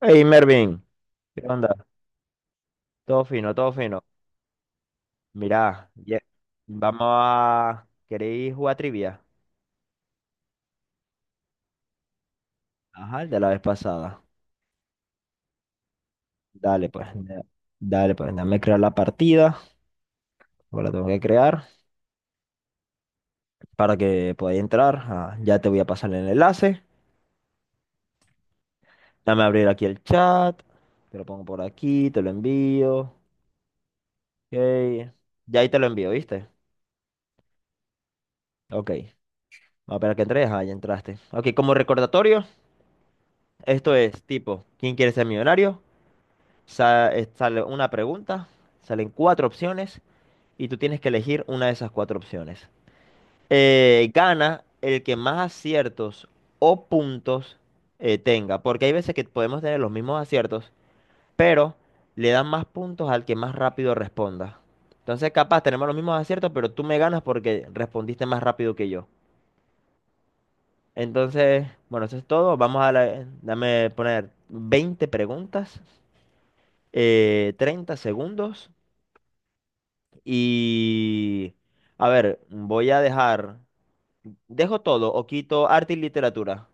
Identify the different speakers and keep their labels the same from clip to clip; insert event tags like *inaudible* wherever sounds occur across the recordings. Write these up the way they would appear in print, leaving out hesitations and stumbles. Speaker 1: Hey Mervin, ¿qué onda? Todo fino, todo fino. Mirá, ¿Queréis jugar trivia? Ajá, el de la vez pasada. Dale pues, dame crear la partida, ahora la tengo que crear para que podáis entrar. Ah, ya te voy a pasar el enlace. Dame abrir aquí el chat, te lo pongo por aquí, te lo envío. Ok, ya ahí te lo envío, ¿viste? Ok, vamos a esperar que entres. Ah, ya entraste. Ok, como recordatorio, esto es tipo, ¿quién quiere ser millonario? Sale una pregunta, salen cuatro opciones y tú tienes que elegir una de esas cuatro opciones. Gana el que más aciertos o puntos tenga, porque hay veces que podemos tener los mismos aciertos, pero le dan más puntos al que más rápido responda. Entonces, capaz tenemos los mismos aciertos, pero tú me ganas porque respondiste más rápido que yo. Entonces, bueno, eso es todo. Dame poner 20 preguntas, 30 segundos. Y, a ver, dejo todo o quito arte y literatura.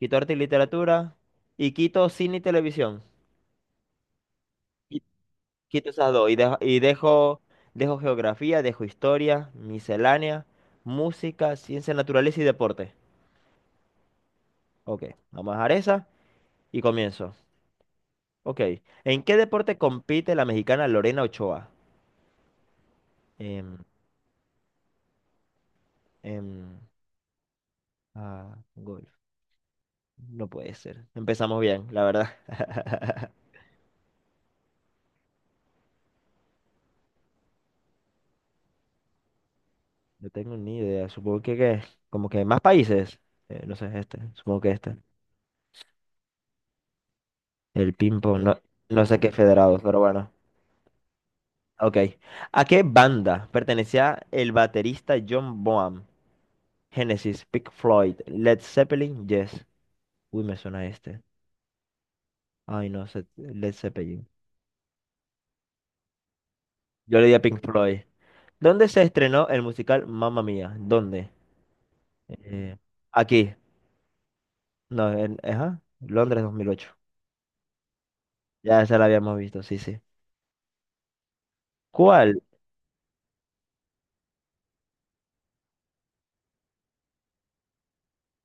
Speaker 1: Quito arte y literatura y quito cine y televisión. Qui- Quito esas dos y dejo geografía, dejo historia, miscelánea, música, ciencia, naturaleza y deporte. Ok, vamos a dejar esa y comienzo. Ok, ¿en qué deporte compite la mexicana Lorena Ochoa? Em, em, ah, golf. No puede ser. Empezamos bien, la verdad. *laughs* No tengo ni idea. Supongo que como que más países. No sé, este. Supongo que este. El ping-pong. No, no sé qué federados, pero bueno. Ok. ¿A qué banda pertenecía el baterista John Bonham? Genesis, Pink Floyd, Led Zeppelin, Yes. Uy, me suena este. Ay, no sé. Led Zeppelin. Yo le di a Pink Floyd. ¿Dónde se estrenó el musical Mamma Mía? ¿Dónde? Eh, Aquí. No, ajá. Londres 2008. Ya esa la habíamos visto, sí, sí. ¿Cuál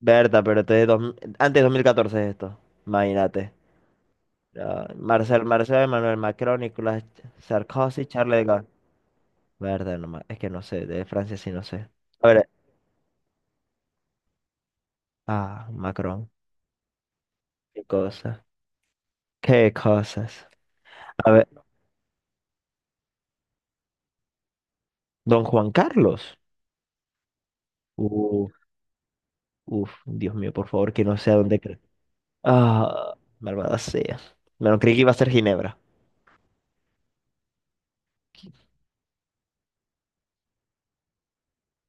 Speaker 1: Berta, pero este es antes de 2014 es esto. Imagínate. Ah, Emmanuel Macron, Nicolas Sarkozy, Charles de Gaulle. Berta, es que no sé, de Francia sí no sé. A ver, ah, Macron, qué cosa, qué cosas. A ver, don Juan Carlos. Uf, uf, Dios mío, por favor, que no sé a dónde creo. Ah, malvada sea. Bueno, creí que iba a ser Ginebra.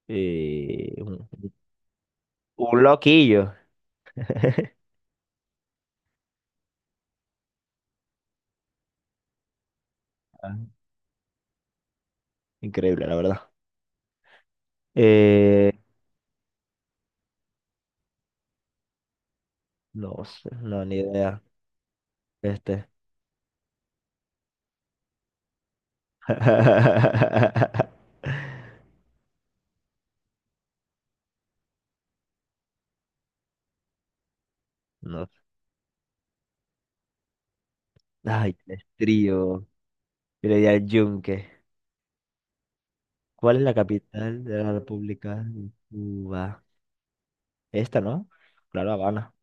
Speaker 1: Eh, un, un loquillo. *laughs* Ah, increíble, la verdad. Eh, No sé, no, ni idea. Este. *laughs* No. Ay, qué trío. Yo le di al yunque. ¿Cuál es la capital de la República de Cuba? Esta, ¿no? Claro, Habana.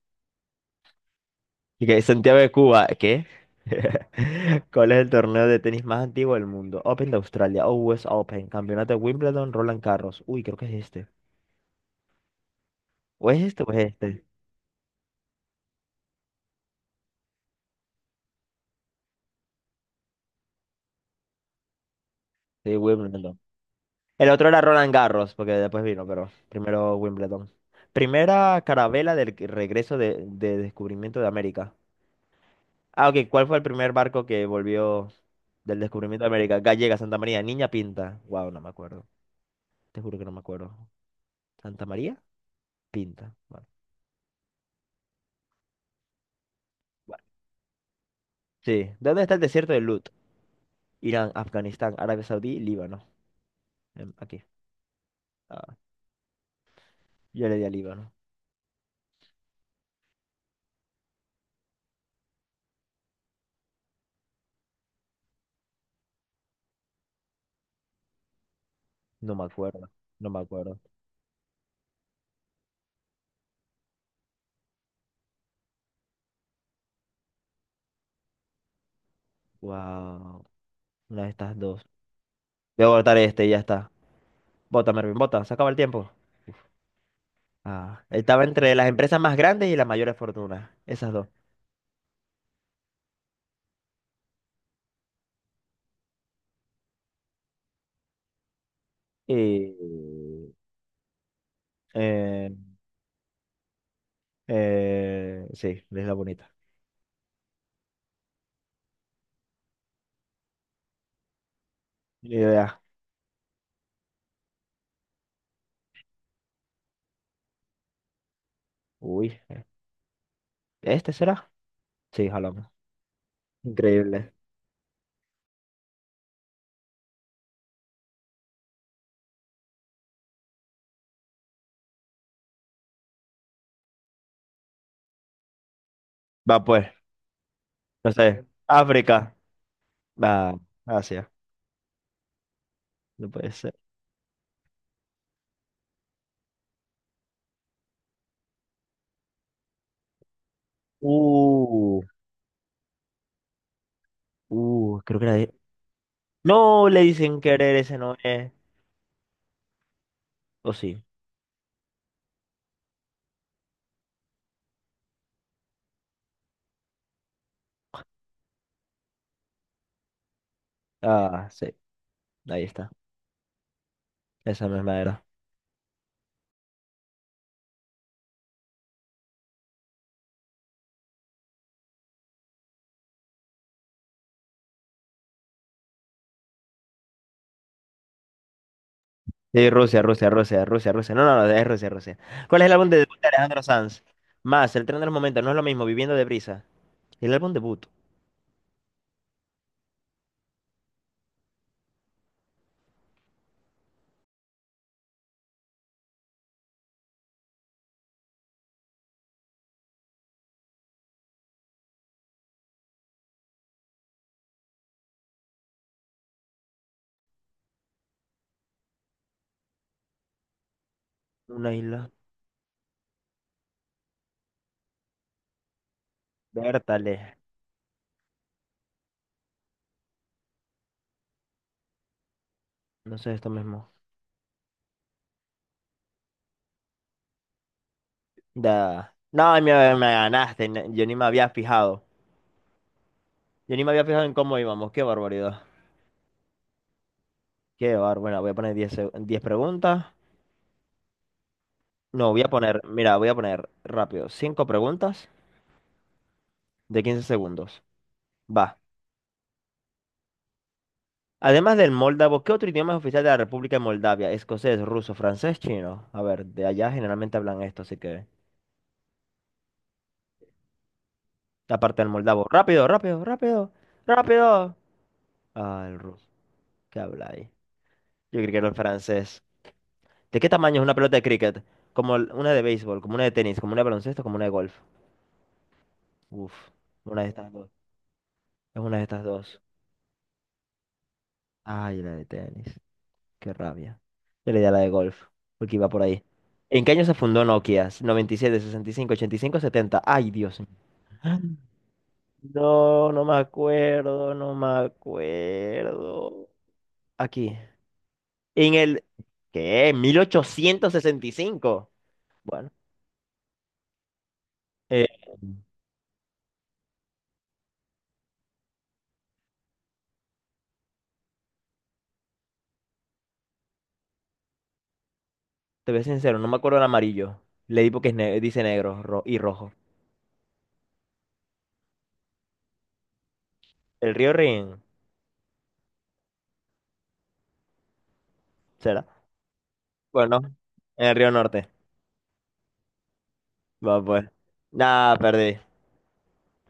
Speaker 1: Y que Santiago de Cuba, ¿qué? *laughs* ¿Cuál es el torneo de tenis más antiguo del mundo? Open de Australia, US Open, Campeonato de Wimbledon, Roland Garros. Uy, creo que es este. ¿O es este o es este? Sí, Wimbledon. El otro era Roland Garros, porque después vino, pero primero Wimbledon. Primera carabela regreso de descubrimiento de América. Ah, ok, ¿cuál fue el primer barco que volvió del descubrimiento de América? Gallega, Santa María, Niña Pinta. Wow, no me acuerdo. Te juro que no me acuerdo. ¿Santa María? Pinta. Bueno. Bueno. Sí. ¿Dónde está el desierto de Lut? Irán, Afganistán, Arabia Saudí, Líbano. Aquí. Ah, yo le di a Líbano. No me acuerdo. No me acuerdo. Wow. Una de estas dos. Voy a votar este, y ya está. Bota, Mervin, bota, se acaba el tiempo. Ah, estaba entre las empresas más grandes y las mayores fortunas. Esas dos. Y. Eh, sí, es la bonita. Ni idea. Uy, ¿este será? Sí, jalamos. Increíble. Va pues, no sé. África. Va, Asia. No puede ser. Uh, Creo que era. No le dicen querer, ese no es. O sí. Ah, sí, ahí está. Esa misma era. Sí, Rusia, Rusia, Rusia, Rusia, Rusia. No, no, no, es Rusia, Rusia. ¿Cuál es el álbum de debut de Alejandro Sanz? Más, El tren de los momentos, no es lo mismo, Viviendo de brisa. El álbum debut, una isla. Bertale, no sé esto mismo. Da. No, me ganaste, yo ni me había fijado. Yo ni me había fijado en cómo íbamos, qué barbaridad. Bueno, voy a poner 10 preguntas. No, mira, voy a poner rápido, 5 preguntas de 15 segundos. Va. Además del moldavo, ¿qué otro idioma es oficial de la República de Moldavia? Escocés, ruso, francés, chino. A ver, de allá generalmente hablan esto, así que. Aparte del moldavo. Rápido, rápido, rápido, rápido. Ah, el ruso. ¿Qué habla ahí? Yo creo que era el francés. ¿De qué tamaño es una pelota de cricket? Como una de béisbol, como una de tenis, como una de baloncesto, como una de golf. Uf, una de estas dos. Es una de estas dos. Ay, la de tenis. Qué rabia. Yo le di a la de golf, porque iba por ahí. ¿En qué año se fundó Nokia? Noventa y siete, 65, 85, 70. Ay, Dios mío. *gasps* No, no me acuerdo, no me acuerdo. Aquí. En el. ¿Qué? 1865. Bueno, eh, te voy a ser sincero, no me acuerdo el amarillo. Le di porque es dice negro y rojo. ¿El río Rin? ¿Será? Bueno, en el río Norte. Va, pues. Nada, perdí.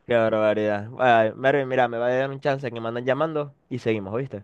Speaker 1: Qué barbaridad. Bueno, Mervin, mira, me va a dar un chance que me andan llamando y seguimos, ¿oíste?